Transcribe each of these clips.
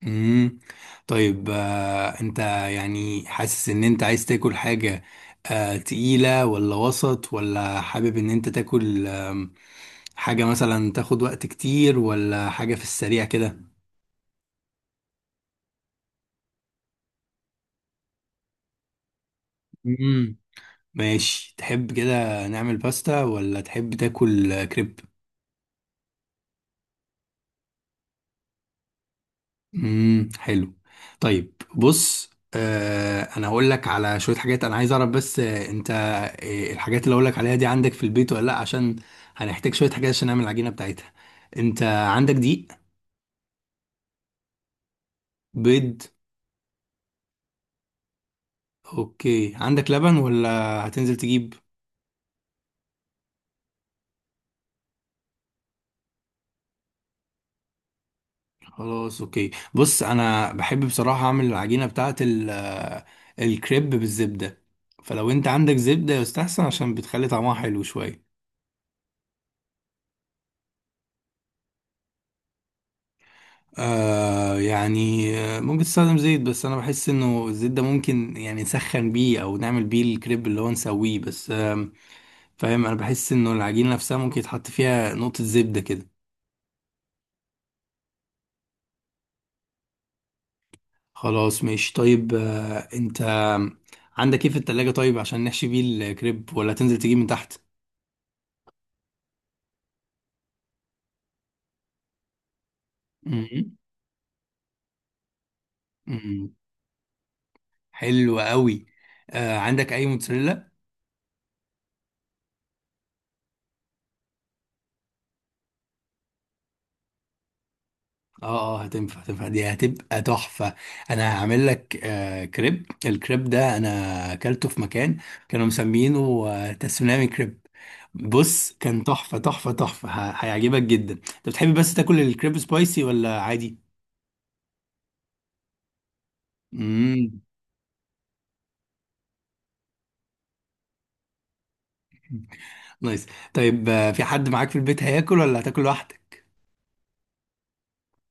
امم طيب انت يعني حاسس ان انت عايز تاكل حاجة؟ تقيلة ولا وسط ولا حابب ان انت تاكل حاجة مثلا تاخد وقت كتير ولا حاجة في السريع كده؟ امم ماشي، تحب كده نعمل باستا ولا تحب تاكل كريب؟ حلو. طيب بص، انا هقول لك على شويه حاجات، انا عايز اعرف بس انت، الحاجات اللي هقول لك عليها دي عندك في البيت ولا لا؟ عشان هنحتاج شويه حاجات عشان نعمل العجينه بتاعتها. انت عندك دقيق؟ بيض؟ اوكي، عندك لبن ولا هتنزل تجيب؟ خلاص اوكي. بص، انا بحب بصراحه اعمل العجينه بتاعه الكريب بالزبده، فلو انت عندك زبده يستحسن عشان بتخلي طعمها حلو شويه. يعني ممكن تستخدم زيت، بس انا بحس انه الزيت ده ممكن يعني نسخن بيه او نعمل بيه الكريب اللي هو نسويه بس، فاهم؟ انا بحس انه العجينة نفسها ممكن يتحط فيها نقطة زبدة كده. خلاص ماشي. طيب انت عندك ايه في التلاجة، طيب، عشان نحشي بيه الكريب ولا تنزل تجيب من تحت؟ مم. مم. حلو قوي. عندك اي موتزاريلا؟ اه اه، هتنفع هتنفع، دي هتبقى تحفة. انا هعمل لك كريب، الكريب ده انا اكلته في مكان كانوا مسمينه تسونامي كريب. بص، كان تحفة تحفة تحفة، هيعجبك جدا. انت بتحب بس تاكل الكريب سبايسي ولا عادي؟ امم نايس. طيب في حد معاك في البيت هياكل ولا هتاكل لوحدك؟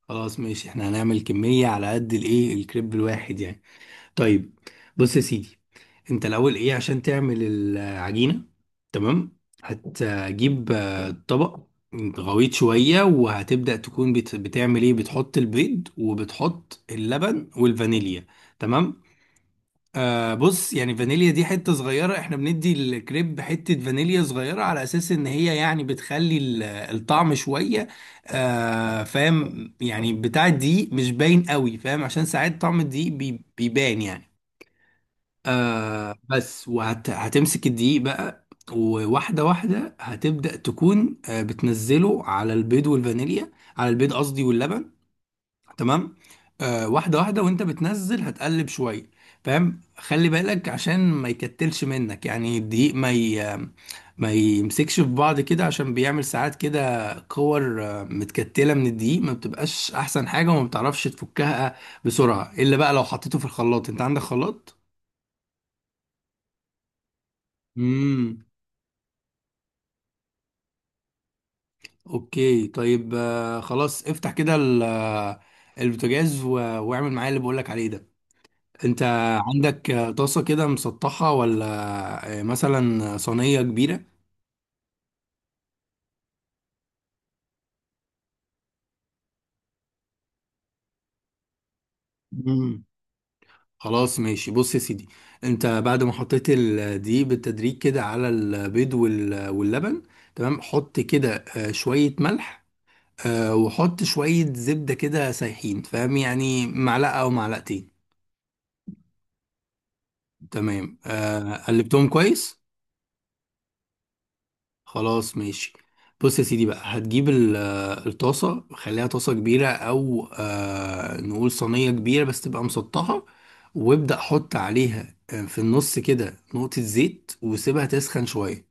خلاص ماشي، احنا هنعمل كمية على قد الايه، الكريب الواحد يعني. طيب، بص يا سيدي، انت الاول ايه عشان تعمل العجينه؟ تمام، هتجيب طبق غويط شويه، وهتبدا تكون بتعمل ايه، بتحط البيض وبتحط اللبن والفانيليا. تمام. بص يعني، فانيليا دي حته صغيره، احنا بندي الكريب حته فانيليا صغيره على اساس ان هي يعني بتخلي الطعم شويه فاهم، يعني بتاع الدقيق مش باين قوي، فاهم؟ عشان ساعات طعم الدقيق بيبان يعني. بس، وهتمسك الدقيق بقى وواحدة واحدة هتبدأ تكون بتنزله على البيض والفانيليا، على البيض قصدي واللبن. تمام. واحدة واحدة، وانت بتنزل هتقلب شوية، فاهم؟ خلي بالك عشان ما يكتلش منك يعني، الدقيق ما يمسكش في بعض كده، عشان بيعمل ساعات كده كور متكتلة من الدقيق، ما بتبقاش احسن حاجة وما بتعرفش تفكها بسرعة، الا بقى لو حطيته في الخلاط. انت عندك خلاط؟ اوكي طيب خلاص افتح كده البوتاجاز واعمل معايا اللي بقولك عليه ده. انت عندك طاسة كده مسطحة ولا مثلا صينية كبيرة؟ مم. خلاص ماشي، بص يا سيدي، انت بعد ما حطيت الدقيق بالتدريج كده على البيض واللبن، تمام، حط كده شوية ملح، وحط شوية زبدة كده سايحين، فاهم؟ يعني معلقة او معلقتين. تمام قلبتهم كويس. خلاص ماشي. بص يا سيدي بقى، هتجيب الطاسة، خليها طاسة كبيرة أو نقول صينية كبيرة بس تبقى مسطحة، وابدأ حط عليها في النص كده نقطة زيت، وسيبها تسخن شوية.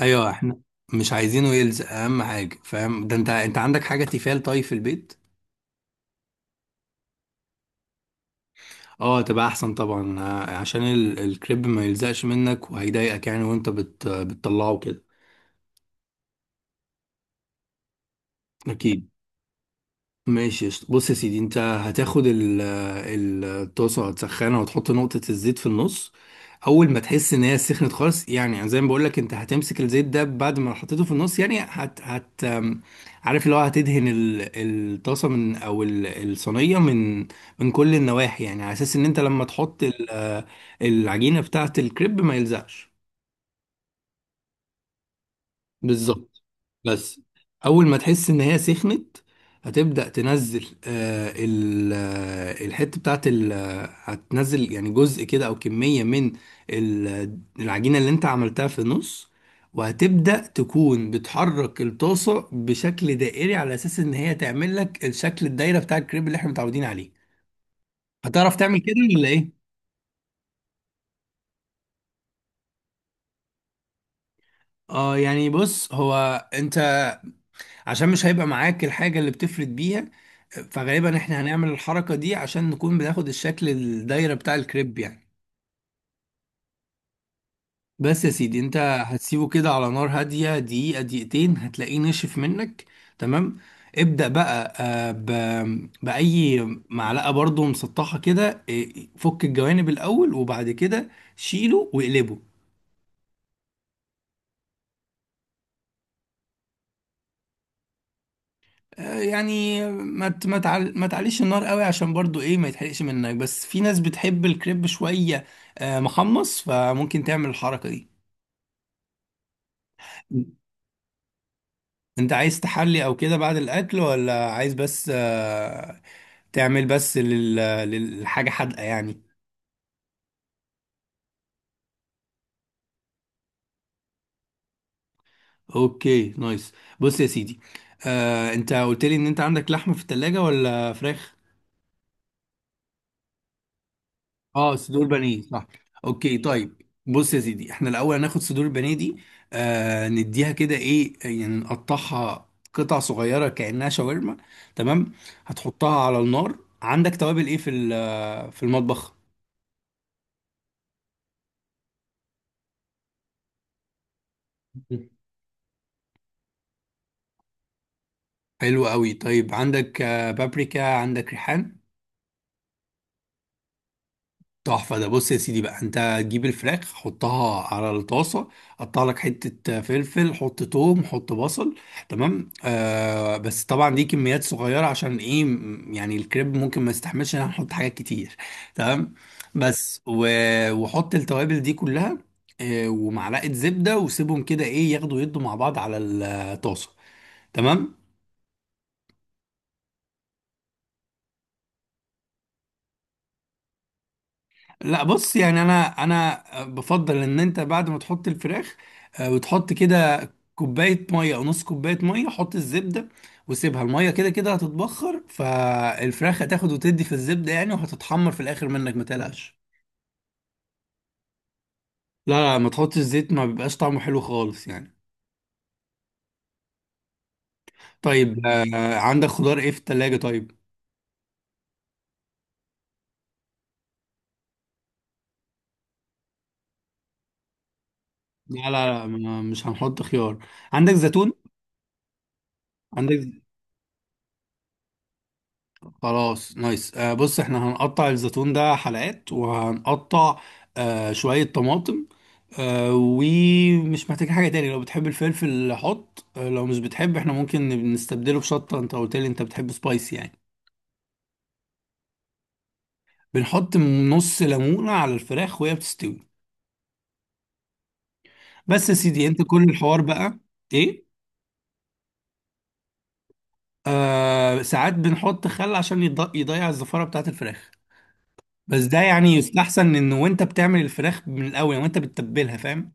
أيوة، احنا مش عايزينه يلزق، أهم حاجة، فاهم ده؟ أنت عندك حاجة تيفال طيب في البيت؟ اه، تبقى أحسن طبعا، عشان الكريب ما يلزقش منك وهيضايقك يعني وأنت بتطلعه كده. أكيد. ماشي قشطة. بص يا سيدي، انت هتاخد الطاسه، هتسخنها وتحط نقطه الزيت في النص. اول ما تحس ان هي سخنت خالص، يعني زي ما بقول لك، انت هتمسك الزيت ده بعد ما حطيته في النص يعني هت هت ام، عارف اللي هو، هتدهن الطاسه من او الصينيه من من كل النواحي، يعني على اساس ان انت لما تحط العجينه بتاعه الكريب ما يلزقش. بالظبط. بس اول ما تحس ان هي سخنت، هتبدأ تنزل الحته بتاعت هتنزل يعني جزء كده او كميه من العجينه اللي انت عملتها في النص. وهتبدأ تكون بتحرك الطاسه بشكل دائري، على اساس ان هي تعمل لك الشكل الدايره بتاع الكريب اللي احنا متعودين عليه. هتعرف تعمل كده ولا ايه؟ اه يعني بص هو، انت، عشان مش هيبقى معاك الحاجة اللي بتفرد بيها، فغالبا احنا هنعمل الحركة دي عشان نكون بناخد الشكل الدايرة بتاع الكريب يعني. بس يا سيدي، انت هتسيبه كده على نار هادية دقيقة دقيقتين هتلاقيه نشف منك. تمام، ابدأ بقى بأي معلقة برضو مسطحة كده، فك الجوانب الأول، وبعد كده شيله واقلبه. يعني ما تعليش النار قوي، عشان برضو ايه ما يتحرقش منك، بس في ناس بتحب الكريب شوية محمص، فممكن تعمل الحركة دي. انت عايز تحلي او كده بعد الاكل ولا عايز بس تعمل بس للحاجة حادقة يعني؟ اوكي نايس. بص يا سيدي، انت قلت لي ان انت عندك لحمة في التلاجة ولا فراخ؟ اه، صدور بانيه، صح. اوكي طيب. بص يا سيدي، احنا الاول هناخد صدور البانيه دي، نديها كده ايه يعني، نقطعها قطع صغيره كانها شاورما. تمام، هتحطها على النار. عندك توابل ايه في في المطبخ؟ حلو قوي. طيب عندك بابريكا؟ عندك ريحان؟ تحفة ده. بص يا سيدي بقى، انت تجيب الفراخ حطها على الطاسة، قطع لك حتة فلفل، حط توم، حط بصل. تمام بس طبعا دي كميات صغيرة عشان ايه، يعني الكريب ممكن ما يستحملش ان احنا نحط حاجات كتير. تمام. بس و... وحط التوابل دي كلها ومعلقة زبدة، وسيبهم كده ايه، ياخدوا يدوا مع بعض على الطاسة. تمام. لا بص يعني، انا بفضل ان انت بعد ما تحط الفراخ وتحط كده كوبايه ميه او نص كوبايه ميه، حط الزبده، وسيبها، الميه كده كده هتتبخر، فالفراخ هتاخد وتدي في الزبده يعني، وهتتحمر في الاخر منك ما تقلقش. لا لا، ما تحطش زيت، ما بيبقاش طعمه حلو خالص يعني. طيب عندك خضار ايه في التلاجة طيب؟ لا لا لا، مش هنحط خيار. عندك زيتون؟ عندك؟ خلاص نايس. بص، احنا هنقطع الزيتون ده حلقات، وهنقطع شوية طماطم ومش محتاج حاجة تاني. لو بتحب الفلفل حط، لو مش بتحب احنا ممكن نستبدله بشطة، انت قلت لي انت بتحب سبايسي يعني. بنحط نص ليمونة على الفراخ وهي بتستوي. بس يا سيدي، انت كل الحوار بقى. ايه؟ ساعات بنحط خل عشان يضيع الزفارة بتاعت الفراخ، بس ده يعني يستحسن ان وانت بتعمل الفراخ من الاول يعني وانت بتتبلها، فاهم؟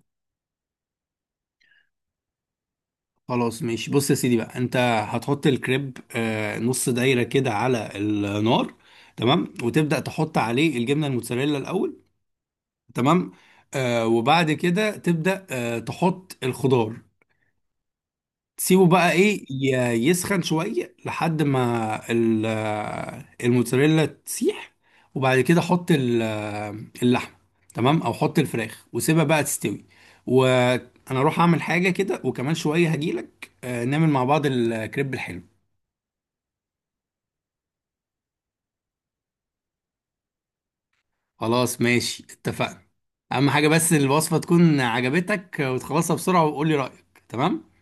خلاص ماشي. بص يا سيدي بقى، انت هتحط الكريب نص دايرة كده على النار، تمام، وتبدأ تحط عليه الجبنة الموتزاريلا الأول. تمام، وبعد كده تبدأ تحط الخضار، تسيبه بقى ايه يسخن شوية لحد ما الموتزاريلا تسيح، وبعد كده حط اللحمة، تمام، او حط الفراخ وسيبها بقى تستوي. وانا اروح اعمل حاجة كده وكمان شوية هجيلك، نعمل مع بعض الكريب الحلو. خلاص ماشي اتفقنا. اهم حاجة بس الوصفة تكون عجبتك، وتخلصها بسرعة وقولي رأيك، تمام؟